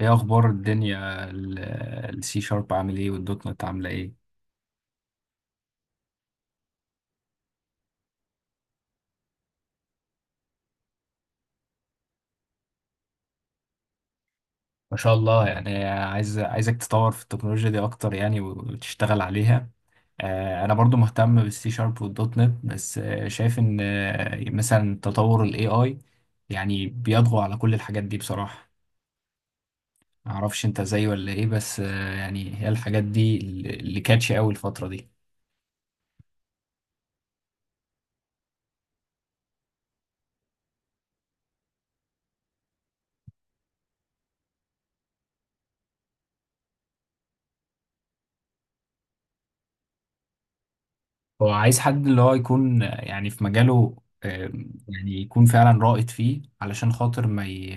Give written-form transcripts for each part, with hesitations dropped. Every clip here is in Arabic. ايه اخبار الدنيا؟ السي شارب عامل ايه والدوت نت عامله ايه؟ ما شاء الله، يعني عايزك تطور في التكنولوجيا دي اكتر يعني وتشتغل عليها. انا برضو مهتم بالسي شارب والدوت نت، بس شايف ان مثلا تطور الاي اي يعني بيطغى على كل الحاجات دي بصراحه. معرفش انت زيي ولا ايه، بس يعني هي الحاجات دي اللي كاتشي قوي الفتره دي. هو عايز حد اللي هو يكون يعني في مجاله، آه، يعني يكون فعلا رائد فيه علشان خاطر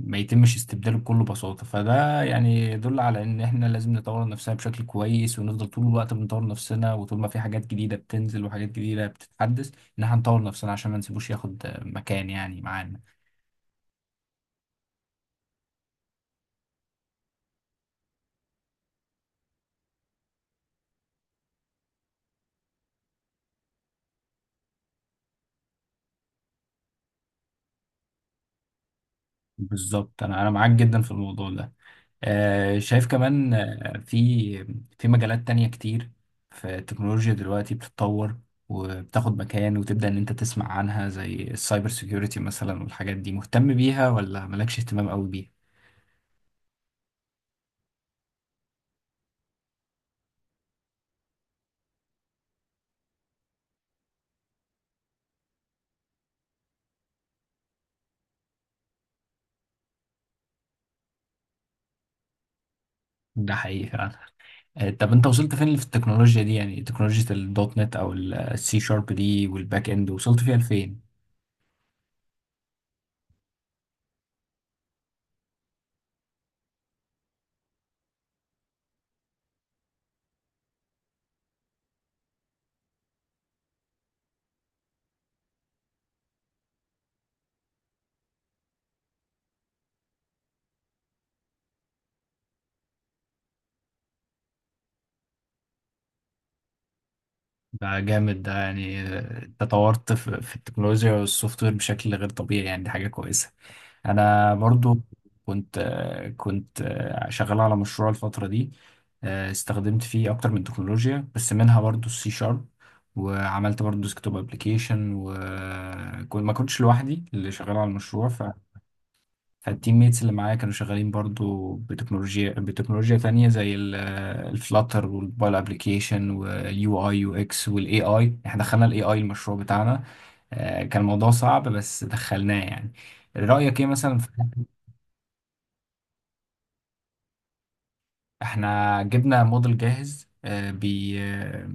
ما يتمش استبداله بكل بساطة. فده يعني يدل على ان احنا لازم نطور نفسنا بشكل كويس ونفضل طول الوقت بنطور نفسنا، وطول ما في حاجات جديدة بتنزل وحاجات جديدة بتتحدث ان احنا نطور نفسنا عشان ما نسيبوش ياخد مكان يعني معانا. بالظبط، انا معاك جدا في الموضوع ده. شايف كمان في مجالات تانية كتير في التكنولوجيا دلوقتي بتتطور وبتاخد مكان وتبدأ إن أنت تسمع عنها، زي السايبر سيكيورتي مثلا. والحاجات دي مهتم بيها ولا مالكش اهتمام قوي بيها؟ ده حقيقي فعلا. طب أنت وصلت فين في التكنولوجيا دي؟ يعني تكنولوجيا الدوت نت أو السي شارب دي والباك إند، وصلت فيها لفين؟ ده جامد، ده يعني تطورت في التكنولوجيا والسوفت وير بشكل غير طبيعي، يعني دي حاجة كويسة. انا برضو كنت كنت شغال على مشروع الفتره دي، استخدمت فيه اكتر من تكنولوجيا بس منها برضو السي شارب، وعملت برضو ديسكتوب ابلكيشن، وما كنتش لوحدي اللي شغال على المشروع ف فالتيم ميتس اللي معايا كانوا شغالين برضو بتكنولوجيا تانية زي الفلاتر والموبايل ابلكيشن واليو اي يو اكس والاي اي. احنا دخلنا الاي اي المشروع بتاعنا، كان الموضوع صعب بس دخلناه يعني. رأيك ايه مثلا؟ احنا جبنا موديل جاهز، آه، بي آه،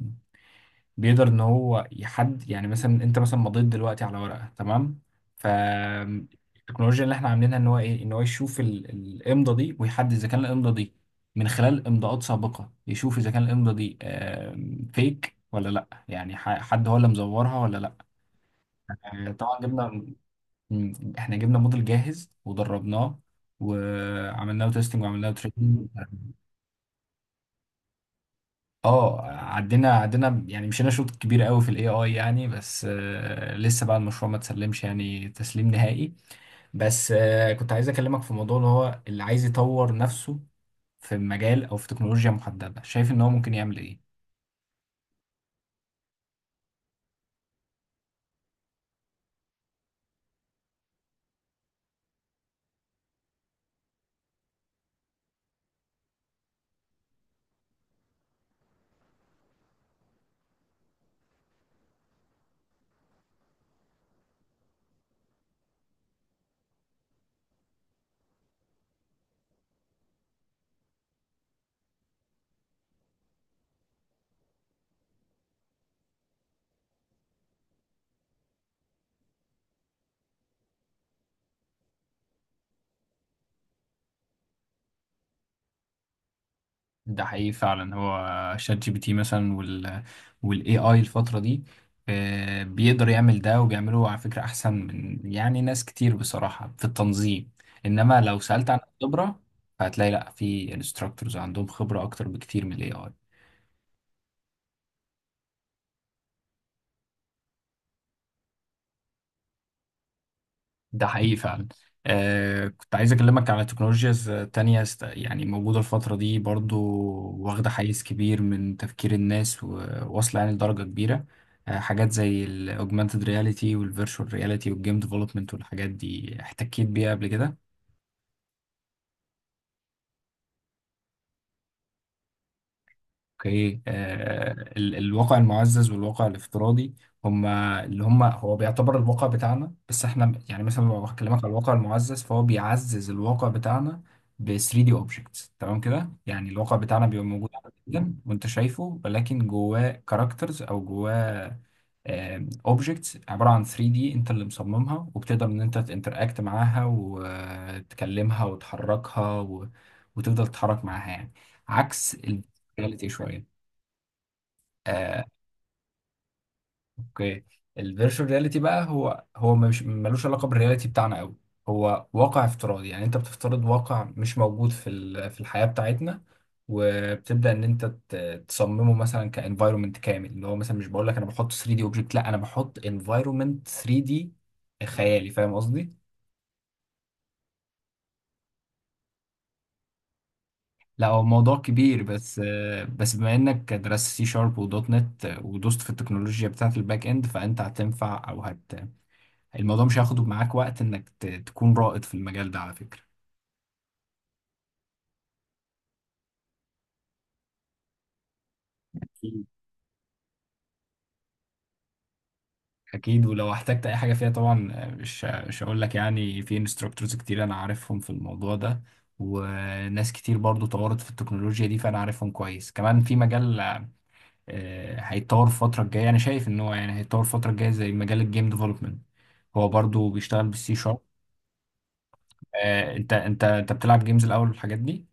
بيقدر ان هو يحد، يعني مثلا انت مثلا مضيت دلوقتي على ورقه تمام، فالتكنولوجيا اللي احنا عاملينها ان هو ايه، ان هو يشوف الامضه دي ويحدد اذا كان الامضه دي من خلال امضاءات سابقه، يشوف اذا كان الامضه دي فيك ولا لا. يعني حد هو اللي مزورها ولا لا. طبعا جبنا احنا جبنا موديل جاهز ودربناه، وعملنا له تيستنج وعملنا له تريننج. اه، عدينا يعني مشينا شوط كبير قوي في الاي اي يعني، بس لسه بقى المشروع ما تسلمش يعني تسليم نهائي. بس كنت عايز اكلمك في موضوع، اللي هو اللي عايز يطور نفسه في مجال او في تكنولوجيا محددة، شايف ان هو ممكن يعمل ايه؟ ده حقيقي فعلا. هو شات جي بي تي مثلا والاي اي الفترة دي بيقدر يعمل ده، وبيعمله على فكرة احسن من يعني ناس كتير بصراحة في التنظيم. انما لو سألت عن الخبرة فهتلاقي لا، في انستراكتورز عندهم خبرة اكتر بكتير من الاي اي. ده حقيقي فعلا. آه كنت عايز اكلمك على تكنولوجيز تانية يعني موجودة الفترة دي برضو، واخدة حيز كبير من تفكير الناس وواصلة يعني لدرجة كبيرة. آه حاجات زي الاوجمانتد رياليتي والفيرتشوال رياليتي والجيم ديفلوبمنت والحاجات دي، احتكيت بيها قبل كده؟ اوكي. الواقع المعزز والواقع الافتراضي، هما اللي هما هو بيعتبر الواقع بتاعنا، بس احنا يعني مثلا لو بكلمك على الواقع المعزز فهو بيعزز الواقع بتاعنا ب 3 دي اوبجكتس. تمام كده؟ يعني الواقع بتاعنا بيبقى موجود على الجدم وانت شايفه، ولكن جواه كاركترز او جواه اوبجكتس عباره عن 3 دي انت اللي مصممها، وبتقدر ان انت تنتراكت معاها وتكلمها وتحركها و... وتفضل تتحرك معاها يعني، عكس الرياليتي شويه آه، اوكي. الفيرتشوال رياليتي بقى، هو مش ملوش علاقه بالرياليتي بتاعنا قوي. هو واقع افتراضي، يعني انت بتفترض واقع مش موجود في في الحياه بتاعتنا، وبتبدا ان انت تصممه مثلا كانفايرمنت كامل. اللي هو مثلا مش بقول لك انا بحط 3 دي اوبجكت، لا انا بحط انفايرمنت 3 دي خيالي، فاهم قصدي؟ لا، هو موضوع كبير بس بس بما انك درست سي شارب ودوت نت ودوست في التكنولوجيا بتاعت الباك اند، فانت هتنفع او هت الموضوع مش هياخد معاك وقت انك تكون رائد في المجال ده على فكرة. أكيد. اكيد ولو احتجت اي حاجه فيها طبعا، مش هقول لك يعني، في انستراكتورز كتير انا عارفهم في الموضوع ده، وناس كتير برضو طورت في التكنولوجيا دي فانا عارفهم كويس كمان في مجال. هيتطور الفتره الجايه، انا شايف ان هو يعني هيتطور الفتره الجايه، زي مجال الجيم ديفلوبمنت، هو برضو بيشتغل بالسي شارب. انت بتلعب جيمز الاول والحاجات دي؟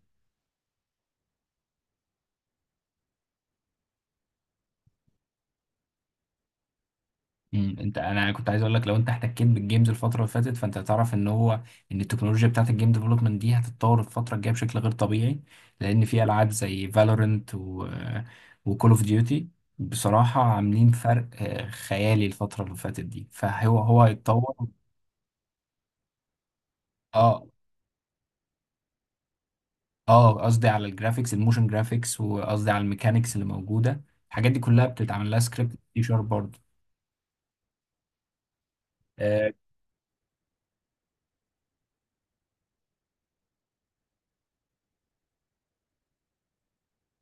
انت، انا كنت عايز اقول لك لو انت احتكيت بالجيمز الفتره اللي فاتت فانت هتعرف ان هو، ان التكنولوجيا بتاعت الجيم ديفلوبمنت دي هتتطور الفتره الجايه بشكل غير طبيعي، لان في العاب زي فالورنت وكول اوف ديوتي بصراحه عاملين فرق خيالي الفتره اللي فاتت دي. فهو هو هيتطور. اه، اه قصدي على الجرافيكس، الموشن جرافيكس، وقصدي على الميكانيكس اللي موجوده. الحاجات دي كلها بتتعمل لها سكريبت دي شارب برضه. آه،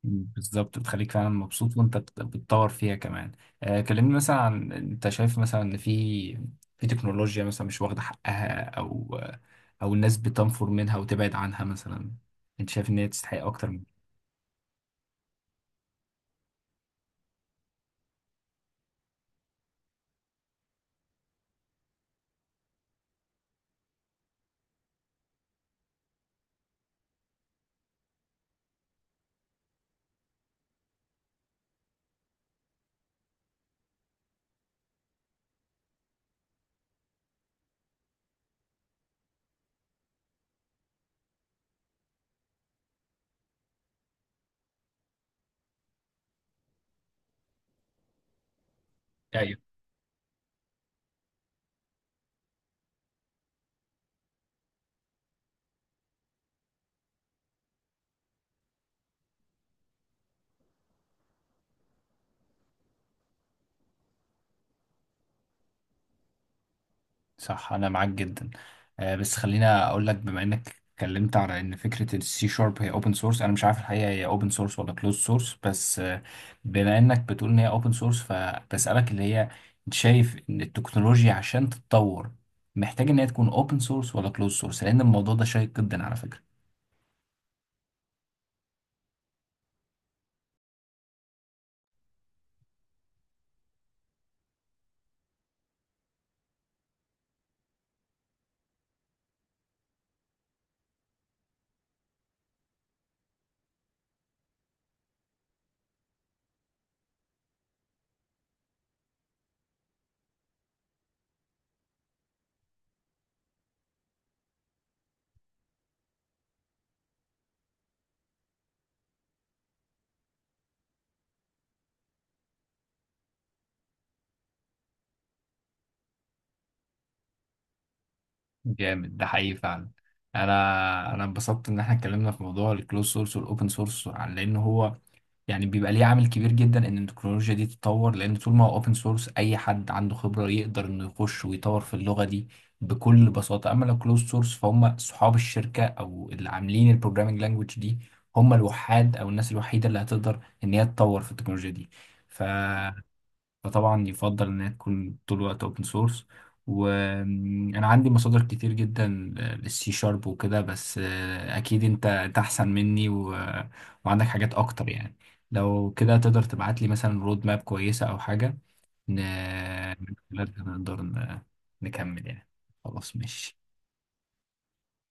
بالظبط، بتخليك فعلا مبسوط وانت بتطور فيها كمان. كلمني مثلا، عن انت شايف مثلا ان في تكنولوجيا مثلا مش واخدة حقها، او الناس بتنفر منها وتبعد عنها، مثلا انت شايف ان هي تستحق اكتر من صح، انا معاك جدا. بس خلينا اقول لك، بما انك اتكلمت على ان فكره السي شارب هي اوبن سورس، انا مش عارف الحقيقه هي اوبن سورس ولا كلوز سورس، بس بما انك بتقول ان هي اوبن سورس، فبسالك اللي هي انت شايف ان التكنولوجيا عشان تتطور محتاج ان هي تكون اوبن سورس ولا كلوز سورس؟ لان الموضوع ده شيق جدا على فكره. جامد، ده حقيقي فعلا. انا انبسطت ان احنا اتكلمنا في موضوع الكلوز سورس والاوبن سورس، لان هو يعني بيبقى ليه عامل كبير جدا ان التكنولوجيا دي تتطور، لان طول ما هو اوبن سورس اي حد عنده خبرة يقدر انه يخش ويطور في اللغة دي بكل بساطة. اما لو كلوز سورس، فهم صحاب الشركة او اللي عاملين البروجرامينج لانجوج دي، هم الوحاد او الناس الوحيدة اللي هتقدر ان هي تطور في التكنولوجيا دي. ف فطبعا يفضل إنها تكون طول الوقت أوبن سورس. وأنا عندي مصادر كتير جدا للسي شارب وكده، بس أكيد أنت أحسن مني و... وعندك حاجات أكتر يعني. لو كده تقدر تبعت لي مثلا رود ماب كويسة أو حاجة ن... من خلالها نقدر نكمل يعني. خلاص، ماشي.